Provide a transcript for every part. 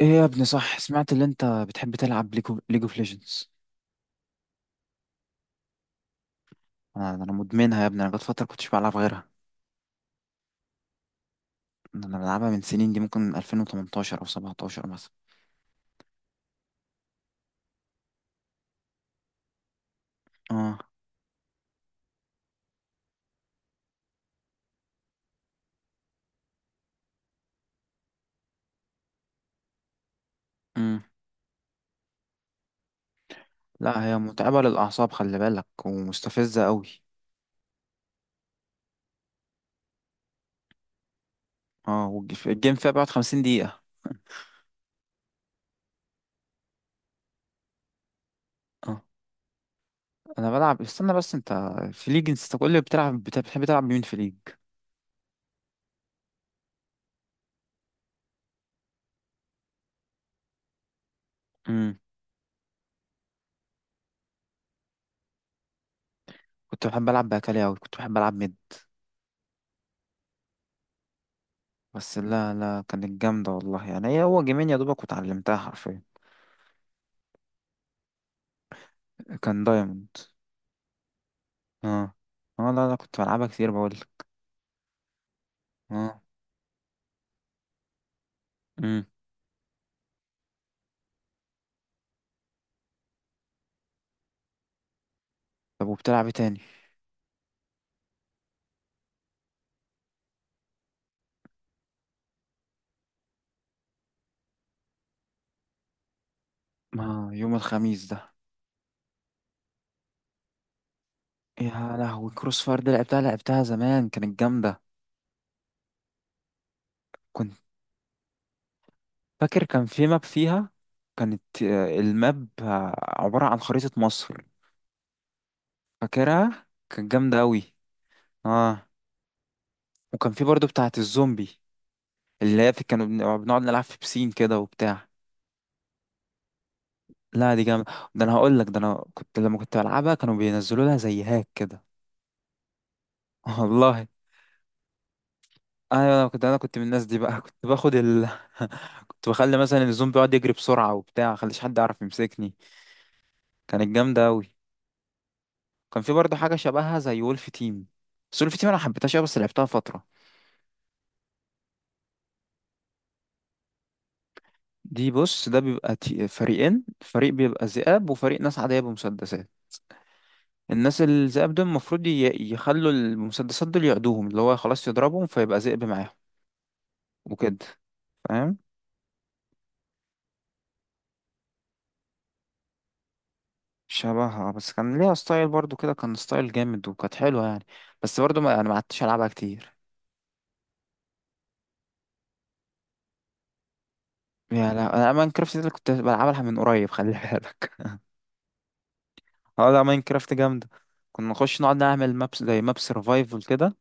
ايه يا ابني، صح؟ سمعت اللي انت بتحب تلعب ليجو اوف ليجندز؟ انا مدمنها يا ابني، انا جت فتره كنتش بلعب غيرها. انا بلعبها من سنين، دي ممكن 2018 او 17 مثلا. اه. امم. لا، هي متعبه للاعصاب، خلي بالك، ومستفزه قوي. اه، الجيم فيها بيقعد 50 دقيقه. اه، انا بلعب، استنى بس انت. في ليج، انت كل اللي بتلعب، بتحب تلعب بمين في ليج؟ امم. كنت بحب العب باكالي قوي، كنت بحب العب ميد. بس لا لا، كانت جامده والله، يعني هي هو جيمين يا دوبك وتعلمتها حرفيا. كان دايموند. اه. اه لا لا، كنت بلعبها كتير بقولك. اه. امم. طب، وبتلعب ايه تاني؟ اه، يوم الخميس ده. يا لهوي، كروس فاير دي لعبتها زمان، كانت جامدة. كنت فاكر كان في ماب فيها. كانت الماب عبارة عن خريطة مصر. فاكرها كانت جامدة أوي. اه. وكان في برضو بتاعة الزومبي. اللي هي بنقعد نلعب في بسين كده وبتاع. لا دي جامدة، ده أنا هقولك، ده أنا كنت لما كنت بلعبها كانوا بينزلوا لها زي هاك كده. والله. ايوه، انا كنت من الناس دي بقى. كنت باخد ال... كنت بخلي مثلا الزوم بيقعد يجري بسرعه وبتاع، خليش حد يعرف يمسكني. كانت جامده قوي. كان في برضه حاجه شبهها زي وولف تيم. بس وولف تيم انا حبيتهاش أوي، بس لعبتها فتره. دي بص، ده بيبقى فريقين، فريق بيبقى ذئاب، وفريق ناس عاديه بمسدسات. الناس الذئاب دول المفروض يخلوا المسدسات دول يعدوهم، اللي هو خلاص يضربهم فيبقى ذئب معاهم، وكده. فاهم. شبهها، بس كان ليها ستايل برضو كده، كان ستايل جامد، وكانت حلوة يعني. بس برضو ما انا، ما عدتش العبها كتير. يا لا، انا ماينكرافت دي اللي كنت بلعبها من قريب خلي بالك. اه لا، ماينكرافت جامدة. كنا نخش نقعد نعمل مابس، زي ماب سرفايفل كده،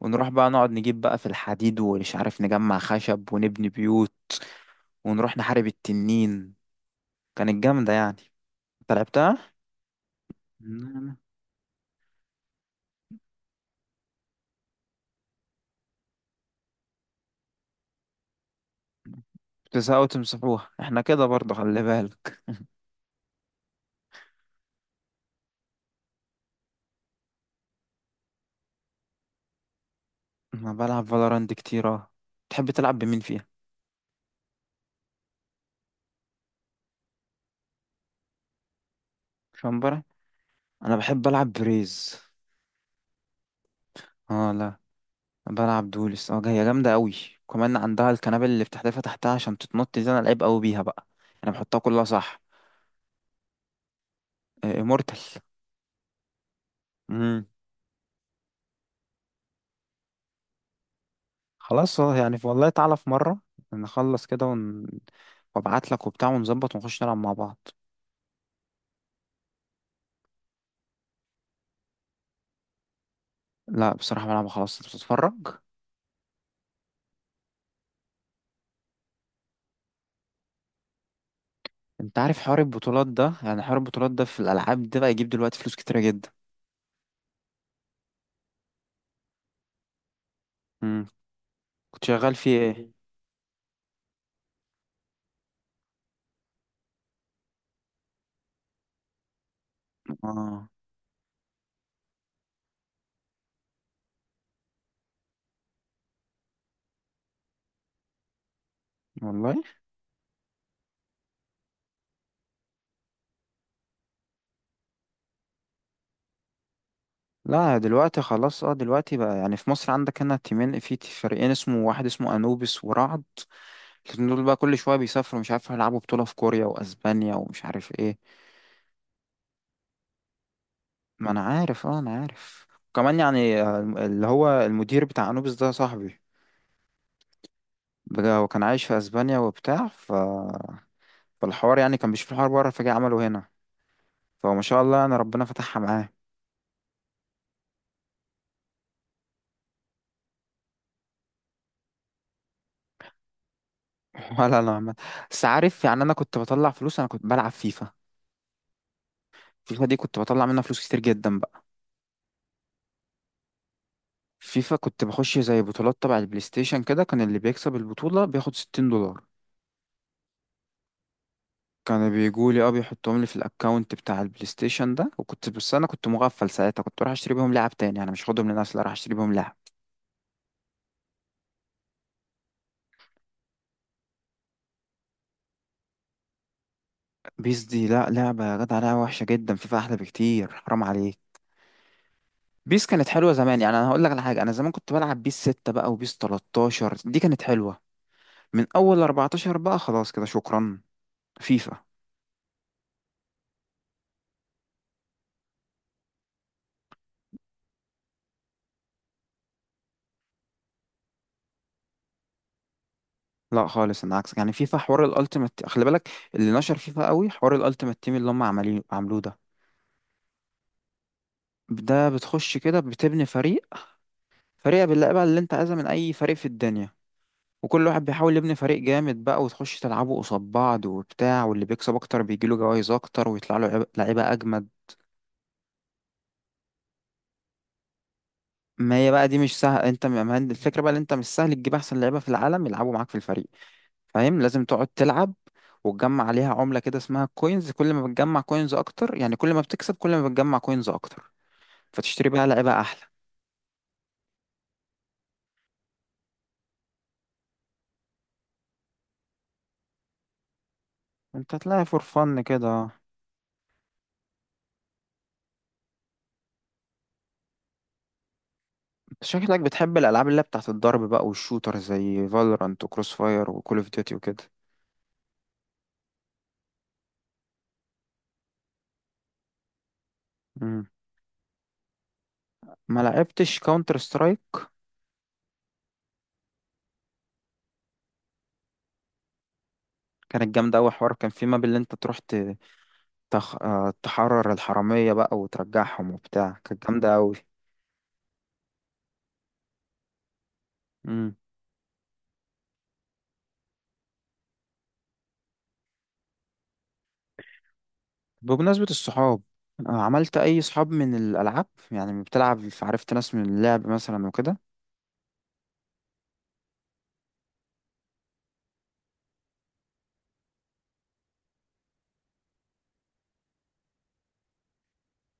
ونروح بقى نقعد نجيب بقى في الحديد، ومش عارف، نجمع خشب ونبني بيوت، ونروح نحارب التنين. كانت جامدة يعني. انت لعبتها؟ نعم. بتزهقوا تمسحوها، احنا كده برضو خلي بالك. انا بلعب فالورانت كتير، اه. تحب تلعب بمين فيها؟ شمبرة؟ انا بحب العب بريز. اه لا. بلعب دولس، اه، هي جامده قوي. كمان عندها الكنابل اللي بتحدفها تحتها عشان تتنط، دي انا لعيب قوي بيها بقى. انا بحطها كلها صح. امورتال. امم. خلاص يعني والله تعالى في مره نخلص كده وابعت لك وبتاع ونظبط ونخش نلعب مع بعض. لا، بصراحه بلعب خلاص، انت بتتفرج؟ انت عارف حوار البطولات ده، يعني حوار البطولات ده في الالعاب ده بقى يجيب دلوقتي فلوس كتيره جدا. امم. كنت شغال فيه ايه؟ اه والله. لا، دلوقتي خلاص، اه دلوقتي بقى يعني في مصر عندك هنا تيمين، في فريقين، اسمه واحد، اسمه انوبيس ورعد. الاتنين دول بقى كل شويه بيسافروا، مش عارف، هيلعبوا بطوله في كوريا واسبانيا ومش عارف ايه. ما انا عارف، اه انا عارف. كمان يعني اللي هو المدير بتاع انوبيس ده صاحبي. بجد، هو كان عايش في اسبانيا وبتاع، فالحوار يعني كان بيشوف الحوار بره فجاه عمله هنا. فما شاء الله، انا ربنا فتحها معاه. ولا انا عمال- بس عارف يعني، انا كنت بطلع فلوس، انا كنت بلعب فيفا. فيفا دي كنت بطلع منها فلوس كتير جدا. فيفا كنت بخش زي بطولات تبع البلاي ستيشن كده، كان اللي بيكسب البطولة بياخد 60 دولار. كانوا بيجولي اه، بيحطهم لي في الاكونت بتاع البلاي ستيشن ده، وكنت، بس انا كنت مغفل ساعتها، كنت بروح اشتري بيهم لعب تاني، انا مش هاخدهم لنفسي، لا راح اشتري بيهم لعب. بيس دي لا، لعبة يا جدع، لعبة وحشة جدا، فيفا احلى بكتير حرام عليك. بيس كانت حلوة زمان يعني، انا هقول لك على حاجة، انا زمان كنت بلعب بيس 6 بقى وبيس 13، دي كانت حلوة. من اول 14 بقى خلاص كده شكرا. فيفا. لا خالص، انا عكسك يعني، فيفا حوار الالتيمت خلي بالك. اللي نشر فيفا قوي حوار الالتيمت تيم اللي هم عمالين عملوه ده. ده بتخش كده بتبني فريق، فريق باللعيبه اللي انت عايزها من اي فريق في الدنيا. وكل واحد بيحاول يبني فريق جامد بقى، وتخش تلعبوا قصاد بعض وبتاع، واللي بيكسب اكتر بيجيله جوائز اكتر ويطلع له لعيبه اجمد. ما هي بقى دي مش سهل، انت هي الفكره بقى، ان انت مش سهل تجيب احسن لعيبه في العالم يلعبوا معاك في الفريق. فاهم، لازم تقعد تلعب، وتجمع عليها عملة كده اسمها كوينز، كل ما بتجمع كوينز اكتر، يعني كل ما بتكسب، كل ما بتجمع كوينز اكتر فتشتري بقى لعيبة احلى. انت هتلاقي فور فن كده. انت شكلك بتحب الالعاب اللي هي بتاعت الضرب بقى والشوتر، زي فالورانت وكروس فاير وكول اوف ديوتي وكده. مم. ما لعبتش كاونتر سترايك. كانت جامدة أوي، حوار، كان في ماب اللي أنت تروح تخ... آه، تحرر الحرامية بقى وترجعهم وبتاع، كانت جامدة أوي. بمناسبة الصحاب، عملت أي صحاب من الألعاب؟ يعني بتلعب عرفت ناس من اللعب مثلا وكده.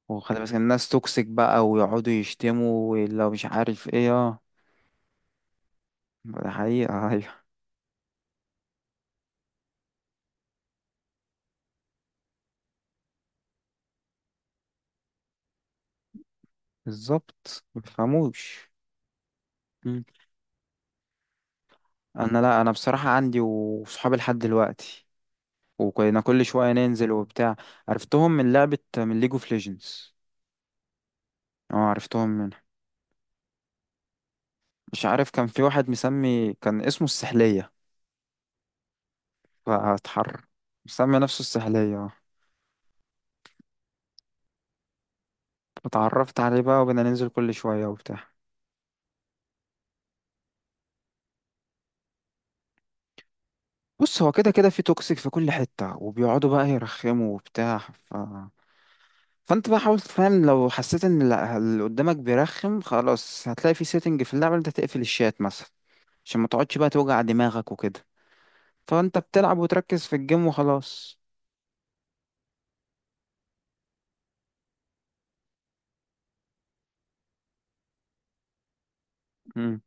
وخلي بالك الناس توكسيك بقى، ويقعدوا يشتموا ولو مش عارف ايه، اه. ده حقيقة. أيوه. بالظبط، مبيفهموش. مم. أنا لأ، أنا بصراحة عندي وصحابي لحد دلوقتي، وكنا كل شوية ننزل وبتاع. عرفتهم من لعبة، من ليج اوف ليجندز. اه، عرفتهم منها. مش عارف، كان في واحد مسمي، كان اسمه السحلية. فاتحر. مسمي نفسه السحلية. اتعرفت عليه بقى، وبدنا ننزل كل شوية وبتاع. بص، هو كده كده في توكسيك في كل حتة، وبيقعدوا بقى يرخموا وبتاع، فانت بقى حاول تفهم، لو حسيت ان اللي قدامك بيرخم خلاص، هتلاقي في سيتنج في اللعبة إن انت تقفل الشات مثلا، عشان ما تقعدش بقى توجع دماغك وكده. فانت بتلعب وتركز في الجيم وخلاص. امم.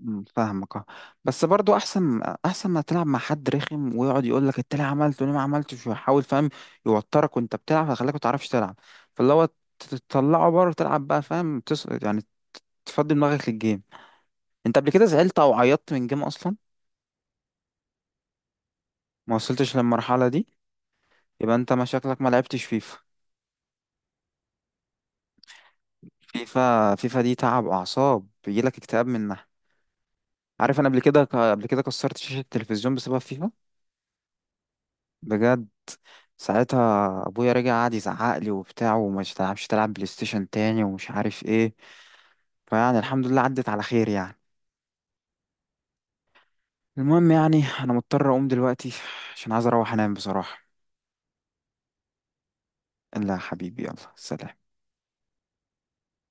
مم، فاهمك اه. بس برضو احسن، احسن ما تلعب مع حد رخم ويقعد يقول لك انت ليه عملت وليه ما عملتش، ويحاول فاهم، يوترك وانت بتلعب فيخليك ما تعرفش تلعب، فاللي هو تطلعه بره تلعب بقى، فاهم يعني تفضي دماغك للجيم. انت قبل كده زعلت او عيطت من جيم اصلا؟ ما وصلتش للمرحله دي. يبقى انت مشاكلك ما لعبتش فيفا. فيفا، فيفا دي تعب اعصاب، بيجيلك اكتئاب منها. عارف، انا قبل كده، قبل كده كسرت شاشه التلفزيون بسبب فيفا. بجد، ساعتها ابويا رجع قعد يزعق لي وبتاع، وما تلعبش تلعب بلاي ستيشن تاني ومش عارف ايه، فيعني الحمد لله عدت على خير يعني. المهم يعني، انا مضطر اقوم دلوقتي عشان عايز اروح انام بصراحة. لا يا حبيبي، يلا سلام.